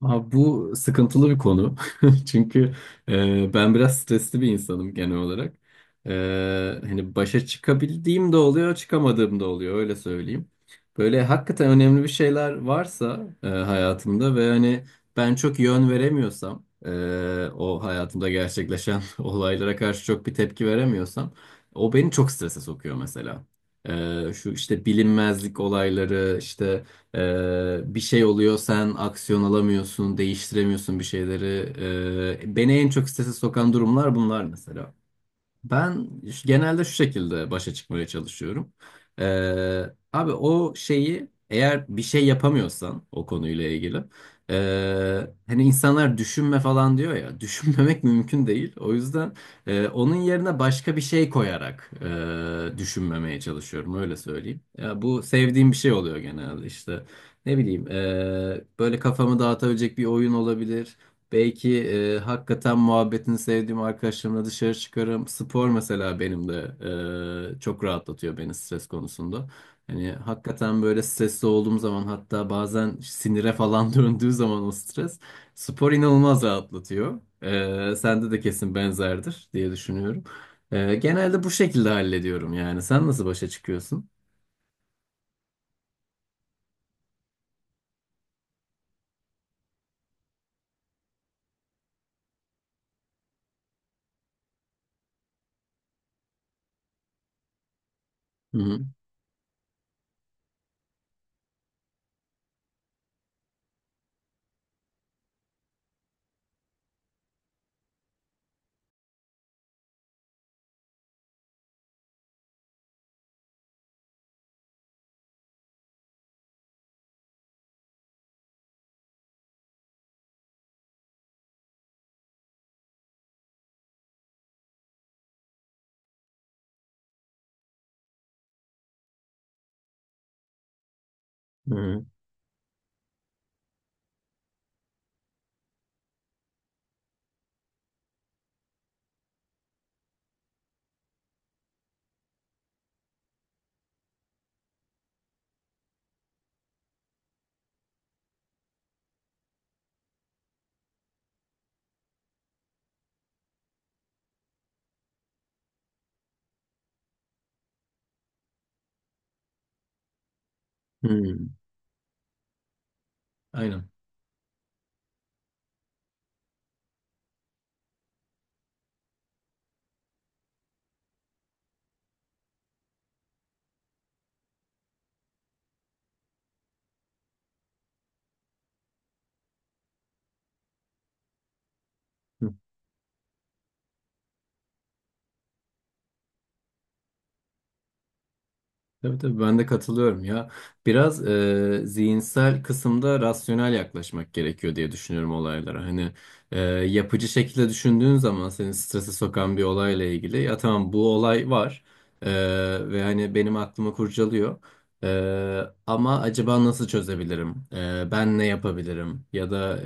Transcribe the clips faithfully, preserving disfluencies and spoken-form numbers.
Abi bu sıkıntılı bir konu. Çünkü e, ben biraz stresli bir insanım genel olarak. E, Hani başa çıkabildiğim de oluyor, çıkamadığım da oluyor öyle söyleyeyim. Böyle hakikaten önemli bir şeyler varsa e, hayatımda ve hani ben çok yön veremiyorsam, e, o hayatımda gerçekleşen olaylara karşı çok bir tepki veremiyorsam, o beni çok strese sokuyor mesela. E, şu işte bilinmezlik olayları, işte ee, bir şey oluyor, sen aksiyon alamıyorsun, değiştiremiyorsun bir şeyleri. Ee, beni en çok strese sokan durumlar bunlar mesela. Ben ş- genelde şu şekilde başa çıkmaya çalışıyorum. Ee, Abi o şeyi, eğer bir şey yapamıyorsan o konuyla ilgili ee, hani insanlar düşünme falan diyor ya, düşünmemek mümkün değil. O yüzden e, onun yerine başka bir şey koyarak e, düşünmemeye çalışıyorum öyle söyleyeyim. Ya, bu sevdiğim bir şey oluyor genelde, işte ne bileyim, e, böyle kafamı dağıtabilecek bir oyun olabilir. Belki e, hakikaten muhabbetini sevdiğim arkadaşlarımla dışarı çıkarım. Spor mesela benim de e, çok rahatlatıyor beni stres konusunda. Hani hakikaten böyle stresli olduğum zaman, hatta bazen sinire falan döndüğü zaman o stres, spor inanılmaz rahatlatıyor. E, sende de kesin benzerdir diye düşünüyorum. E, genelde bu şekilde hallediyorum yani. Sen nasıl başa çıkıyorsun? Hı hı. Hı hı. Aynen. Tabii tabii, ben de katılıyorum ya. Biraz e, zihinsel kısımda rasyonel yaklaşmak gerekiyor diye düşünüyorum olaylara. Hani e, yapıcı şekilde düşündüğün zaman seni strese sokan bir olayla ilgili, ya tamam bu olay var e, ve hani benim aklımı kurcalıyor. E, ama acaba nasıl çözebilirim? E, ben ne yapabilirim? Ya da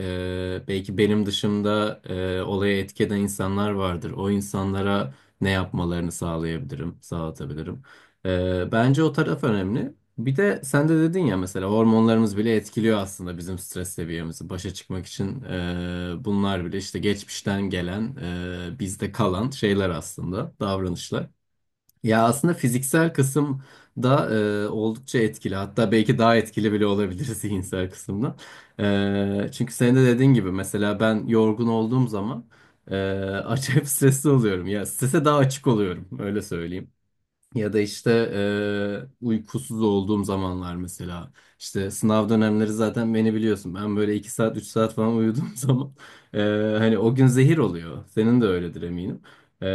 e, belki benim dışımda e, olaya etki eden insanlar vardır. O insanlara ne yapmalarını sağlayabilirim, sağlatabilirim? Ee, bence o taraf önemli. Bir de sen de dedin ya, mesela hormonlarımız bile etkiliyor aslında bizim stres seviyemizi. Başa çıkmak için e, bunlar bile işte geçmişten gelen, e, bizde kalan şeyler aslında, davranışlar. Ya aslında fiziksel kısım da e, oldukça etkili. Hatta belki daha etkili bile olabilir zihinsel kısımdan. E, çünkü senin de dediğin gibi, mesela ben yorgun olduğum zaman e, acayip stresli oluyorum. Ya strese daha açık oluyorum öyle söyleyeyim. Ya da işte e, uykusuz olduğum zamanlar mesela. İşte sınav dönemleri zaten beni biliyorsun. Ben böyle iki saat üç saat falan uyuduğum zaman e, hani o gün zehir oluyor. Senin de öyledir eminim. E,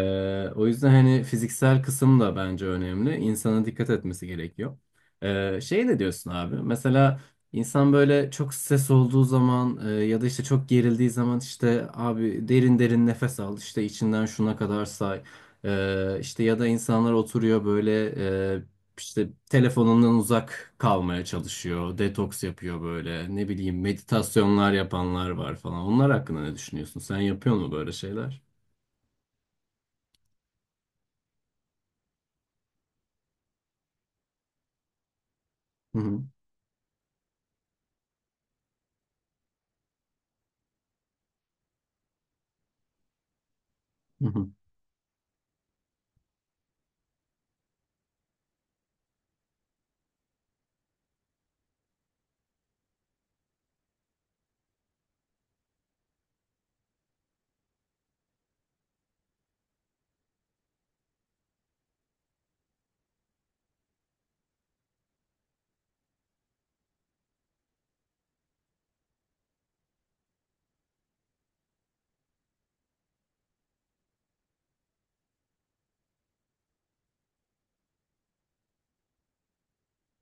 O yüzden hani fiziksel kısım da bence önemli. İnsana dikkat etmesi gerekiyor. E, şey, ne diyorsun abi? Mesela insan böyle çok stres olduğu zaman e, ya da işte çok gerildiği zaman, işte abi derin derin nefes al, işte içinden şuna kadar say. Ee, işte ya da insanlar oturuyor böyle, e, işte telefonundan uzak kalmaya çalışıyor, detoks yapıyor böyle, ne bileyim meditasyonlar yapanlar var falan. Onlar hakkında ne düşünüyorsun? Sen yapıyor mu böyle şeyler? Hı hı, hı hı,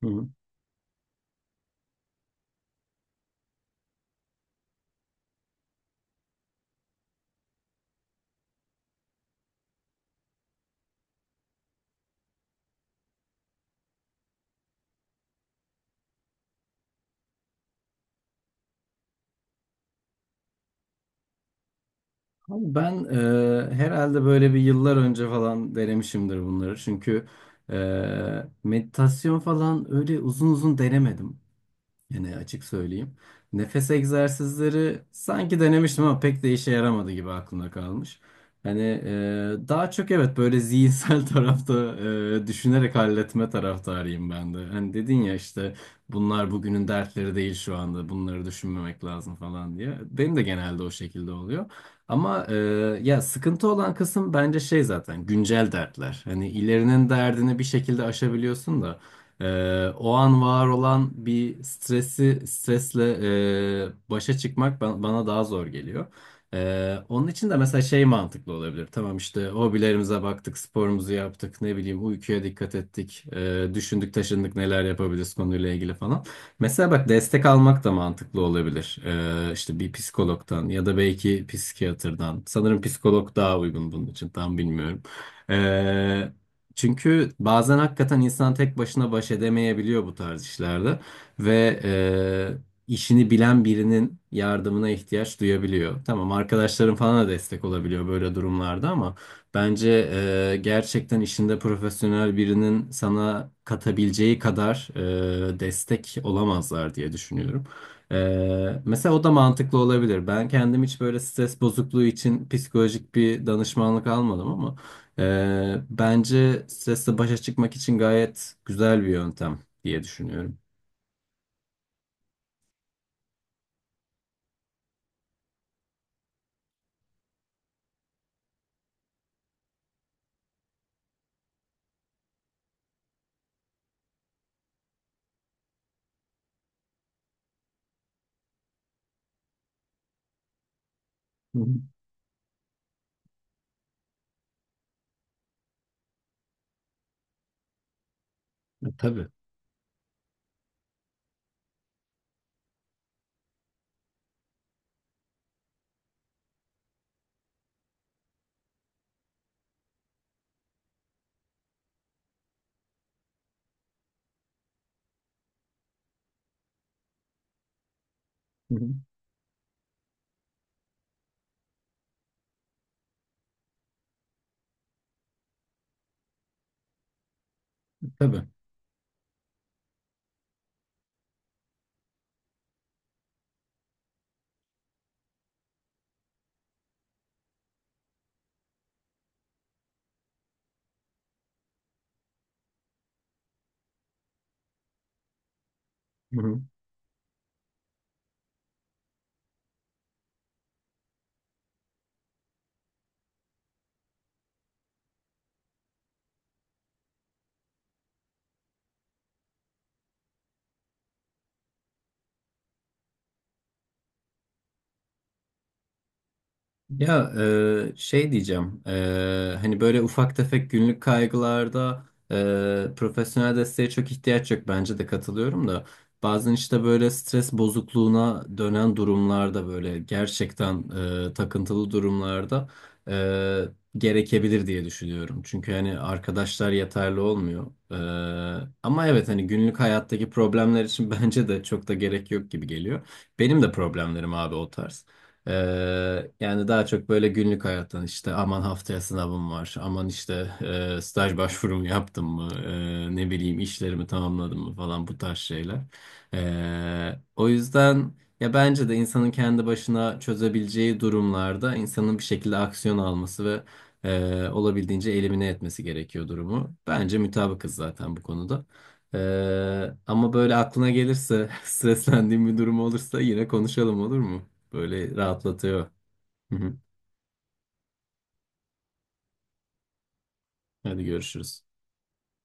hı hı. Abi ben e, herhalde böyle bir yıllar önce falan denemişimdir bunları. Çünkü e, meditasyon falan öyle uzun uzun denemedim. Yine açık söyleyeyim. Nefes egzersizleri sanki denemiştim ama pek de işe yaramadı gibi aklımda kalmış. Hani e, daha çok evet böyle zihinsel tarafta e, düşünerek halletme taraftarıyım ben de. Hani dedin ya işte, bunlar bugünün dertleri değil, şu anda bunları düşünmemek lazım falan diye. Benim de genelde o şekilde oluyor. Ama e, ya sıkıntı olan kısım bence şey, zaten güncel dertler. Hani ilerinin derdini bir şekilde aşabiliyorsun da. Ee, o an var olan bir stresi, stresle e, başa çıkmak ba- bana daha zor geliyor. Ee, onun için de mesela şey mantıklı olabilir. Tamam işte, hobilerimize baktık, sporumuzu yaptık, ne bileyim uykuya dikkat ettik, e, düşündük taşındık neler yapabiliriz konuyla ilgili falan. Mesela bak, destek almak da mantıklı olabilir. Ee, işte bir psikologdan ya da belki psikiyatrdan. Sanırım psikolog daha uygun bunun için, tam bilmiyorum. Ee, Çünkü bazen hakikaten insan tek başına baş edemeyebiliyor bu tarz işlerde ve e, işini bilen birinin yardımına ihtiyaç duyabiliyor. Tamam, arkadaşların falan da destek olabiliyor böyle durumlarda ama bence e, gerçekten işinde profesyonel birinin sana katabileceği kadar e, destek olamazlar diye düşünüyorum. E, mesela o da mantıklı olabilir. Ben kendim hiç böyle stres bozukluğu için psikolojik bir danışmanlık almadım ama ee, bence stresle başa çıkmak için gayet güzel bir yöntem diye düşünüyorum. Hı hı. E, tabii. Hı hı. Tabii. Hı hı. Ya e, şey diyeceğim, e, hani böyle ufak tefek günlük kaygılarda e, profesyonel desteğe çok ihtiyaç yok, bence de katılıyorum da bazen işte böyle stres bozukluğuna dönen durumlarda, böyle gerçekten e, takıntılı durumlarda e, gerekebilir diye düşünüyorum. Çünkü hani arkadaşlar yeterli olmuyor. E, Ama evet, hani günlük hayattaki problemler için bence de çok da gerek yok gibi geliyor. Benim de problemlerim abi o tarz. Ee, yani daha çok böyle günlük hayattan, işte aman haftaya sınavım var, aman işte e, staj başvurumu yaptım mı, e, ne bileyim işlerimi tamamladım mı falan, bu tarz şeyler. Ee, o yüzden ya bence de insanın kendi başına çözebileceği durumlarda insanın bir şekilde aksiyon alması ve e, olabildiğince elimine etmesi gerekiyor durumu. Bence mutabıkız zaten bu konuda. Ee, ama böyle aklına gelirse, streslendiğim bir durum olursa yine konuşalım, olur mu? Böyle rahatlatıyor. Hı hı. Hadi görüşürüz.